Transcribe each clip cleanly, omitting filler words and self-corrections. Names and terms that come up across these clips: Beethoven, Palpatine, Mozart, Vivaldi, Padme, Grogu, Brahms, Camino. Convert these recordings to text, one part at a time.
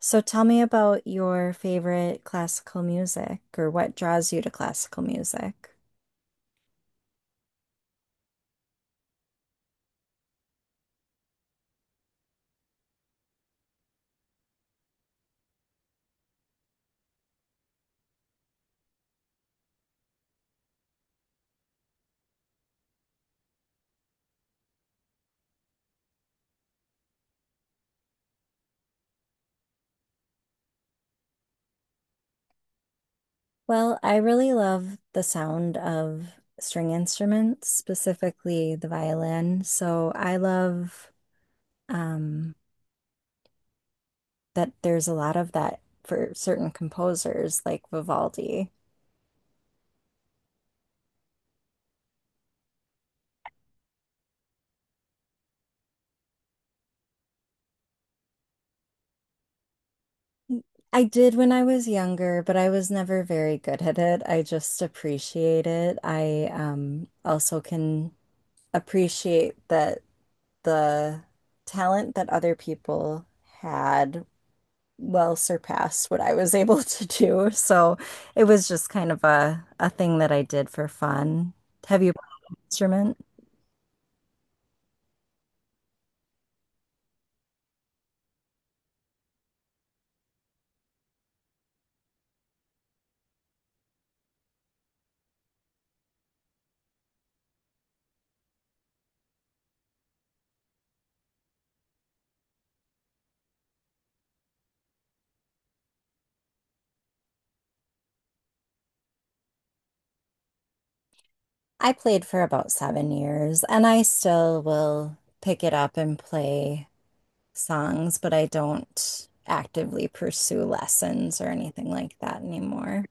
So tell me about your favorite classical music or what draws you to classical music. Well, I really love the sound of string instruments, specifically the violin. So I love um, that there's a lot of that for certain composers like Vivaldi. I did when I was younger, but I was never very good at it. I just appreciate it. I also can appreciate that. The talent that other people had well surpassed what I was able to do. So it was just kind of a thing that I did for fun. Have you played an instrument? I played for about 7 years and I still will pick it up and play songs, but I don't actively pursue lessons or anything like that anymore.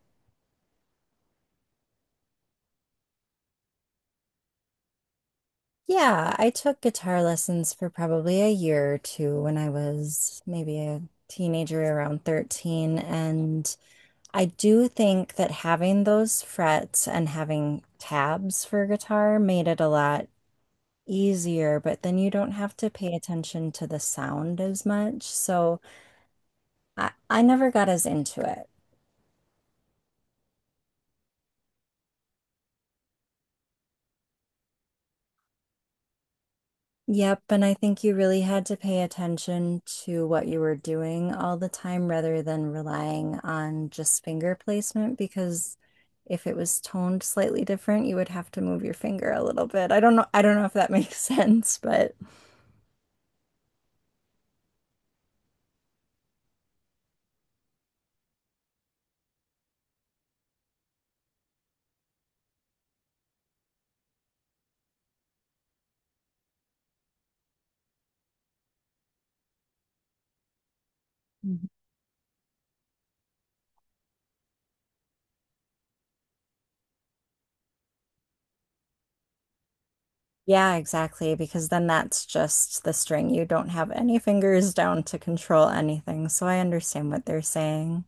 Yeah, I took guitar lessons for probably a year or two when I was maybe a teenager around 13. And I do think that having those frets and having tabs for guitar made it a lot easier, but then you don't have to pay attention to the sound as much. So I never got as into it. Yep, and I think you really had to pay attention to what you were doing all the time rather than relying on just finger placement because if it was toned slightly different, you would have to move your finger a little bit. I don't know if that makes sense, but yeah, exactly, because then that's just the string. You don't have any fingers down to control anything, so I understand what they're saying.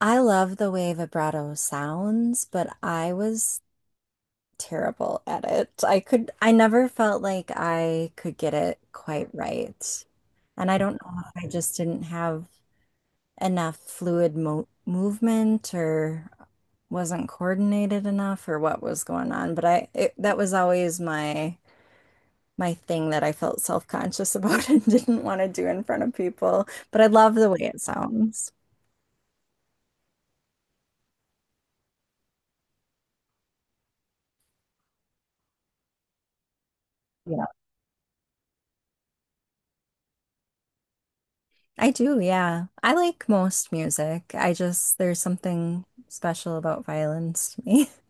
I love the way vibrato sounds, but I was terrible at it. I never felt like I could get it quite right. And I don't know if I just didn't have enough fluid mo movement or wasn't coordinated enough or what was going on, but that was always my my thing that I felt self-conscious about and didn't want to do in front of people, but I love the way it sounds. Yeah. I do, yeah. I like most music. I just there's something special about violins to me.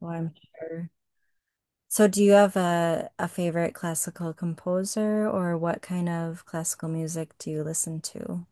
Well, I'm sure. So do you have a favorite classical composer or what kind of classical music do you listen to?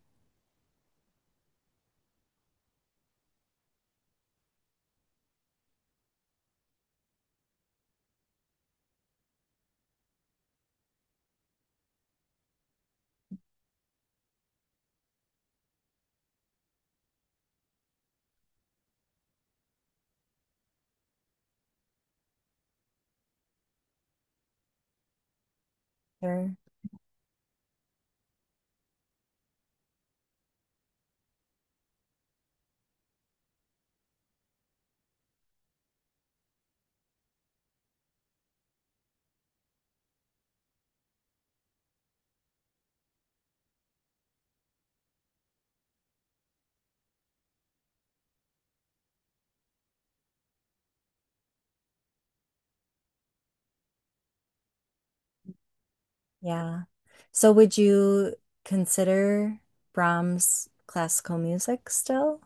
Sure. Yeah. So would you consider Brahms classical music still?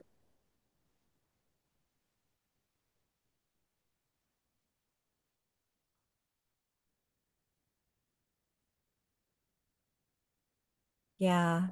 Yeah.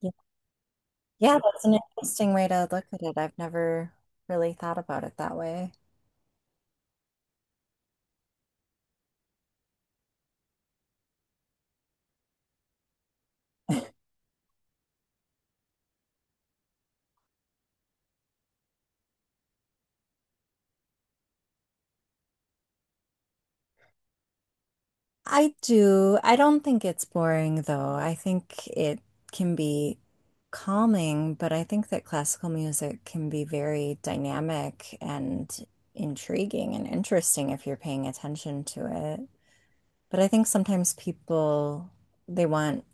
Yeah. Yeah, that's an interesting way to look at it. I've never really thought about it that way. I do. I don't think it's boring though. I think it can be calming, but I think that classical music can be very dynamic and intriguing and interesting if you're paying attention to it. But I think sometimes people they want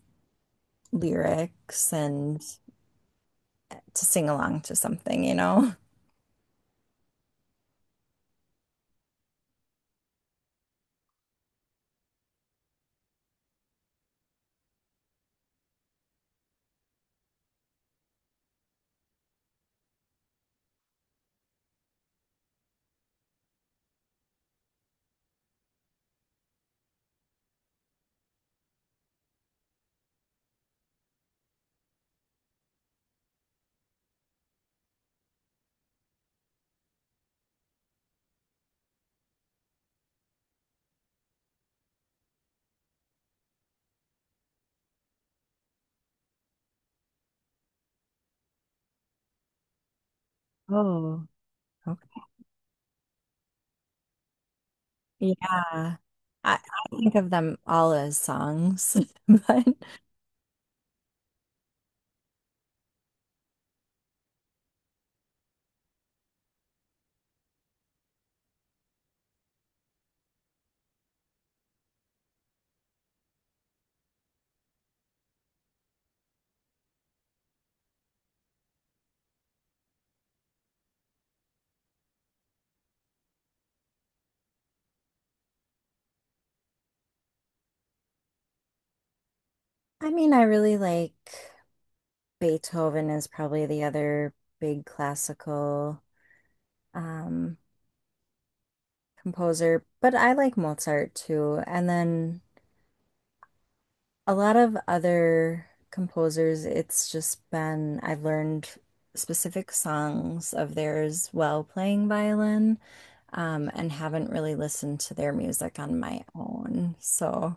lyrics and to sing along to something, you know? Oh, okay. Yeah. I, I think of them all as songs, but I mean, I really like. Beethoven is probably the other big classical um, composer, but I like Mozart too. And then a lot of other composers, it's just been, I've learned specific songs of theirs while playing violin, and haven't really listened to their music on my own. So.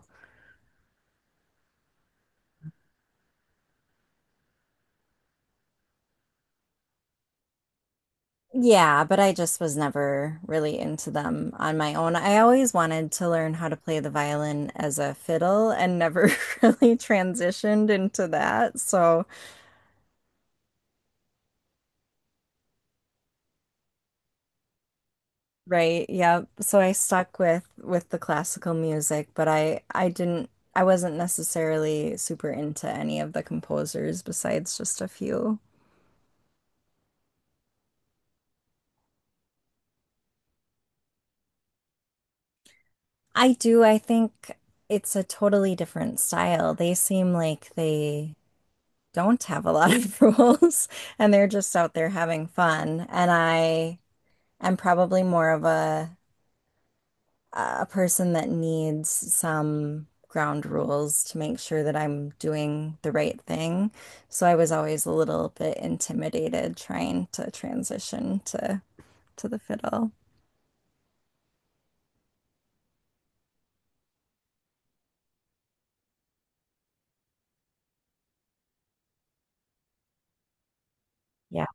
Yeah, but I just was never really into them on my own. I always wanted to learn how to play the violin as a fiddle and never really transitioned into that. So, right, yeah. So I stuck with the classical music, but I didn't I wasn't necessarily super into any of the composers besides just a few. I do, I think it's a totally different style. They seem like they don't have a lot of rules and they're just out there having fun. And I am probably more of a person that needs some ground rules to make sure that I'm doing the right thing. So I was always a little bit intimidated trying to transition to the fiddle. Yeah.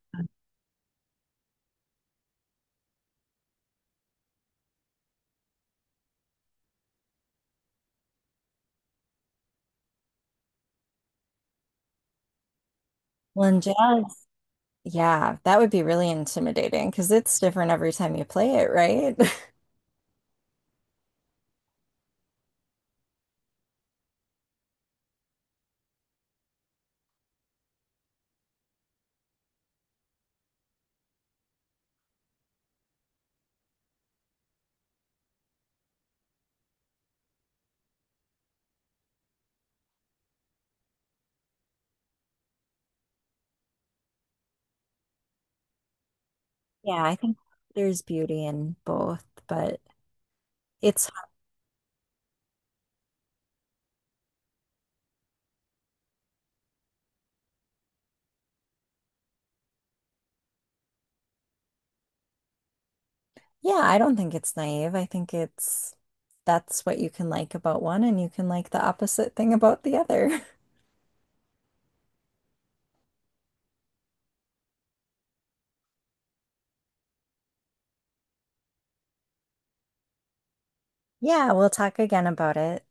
Well, and jazz, yeah, that would be really intimidating because it's different every time you play it, right? Yeah, I think there's beauty in both, but it's yeah, I don't think it's naive. I think it's that's what you can like about one and you can like the opposite thing about the other. Yeah, we'll talk again about it.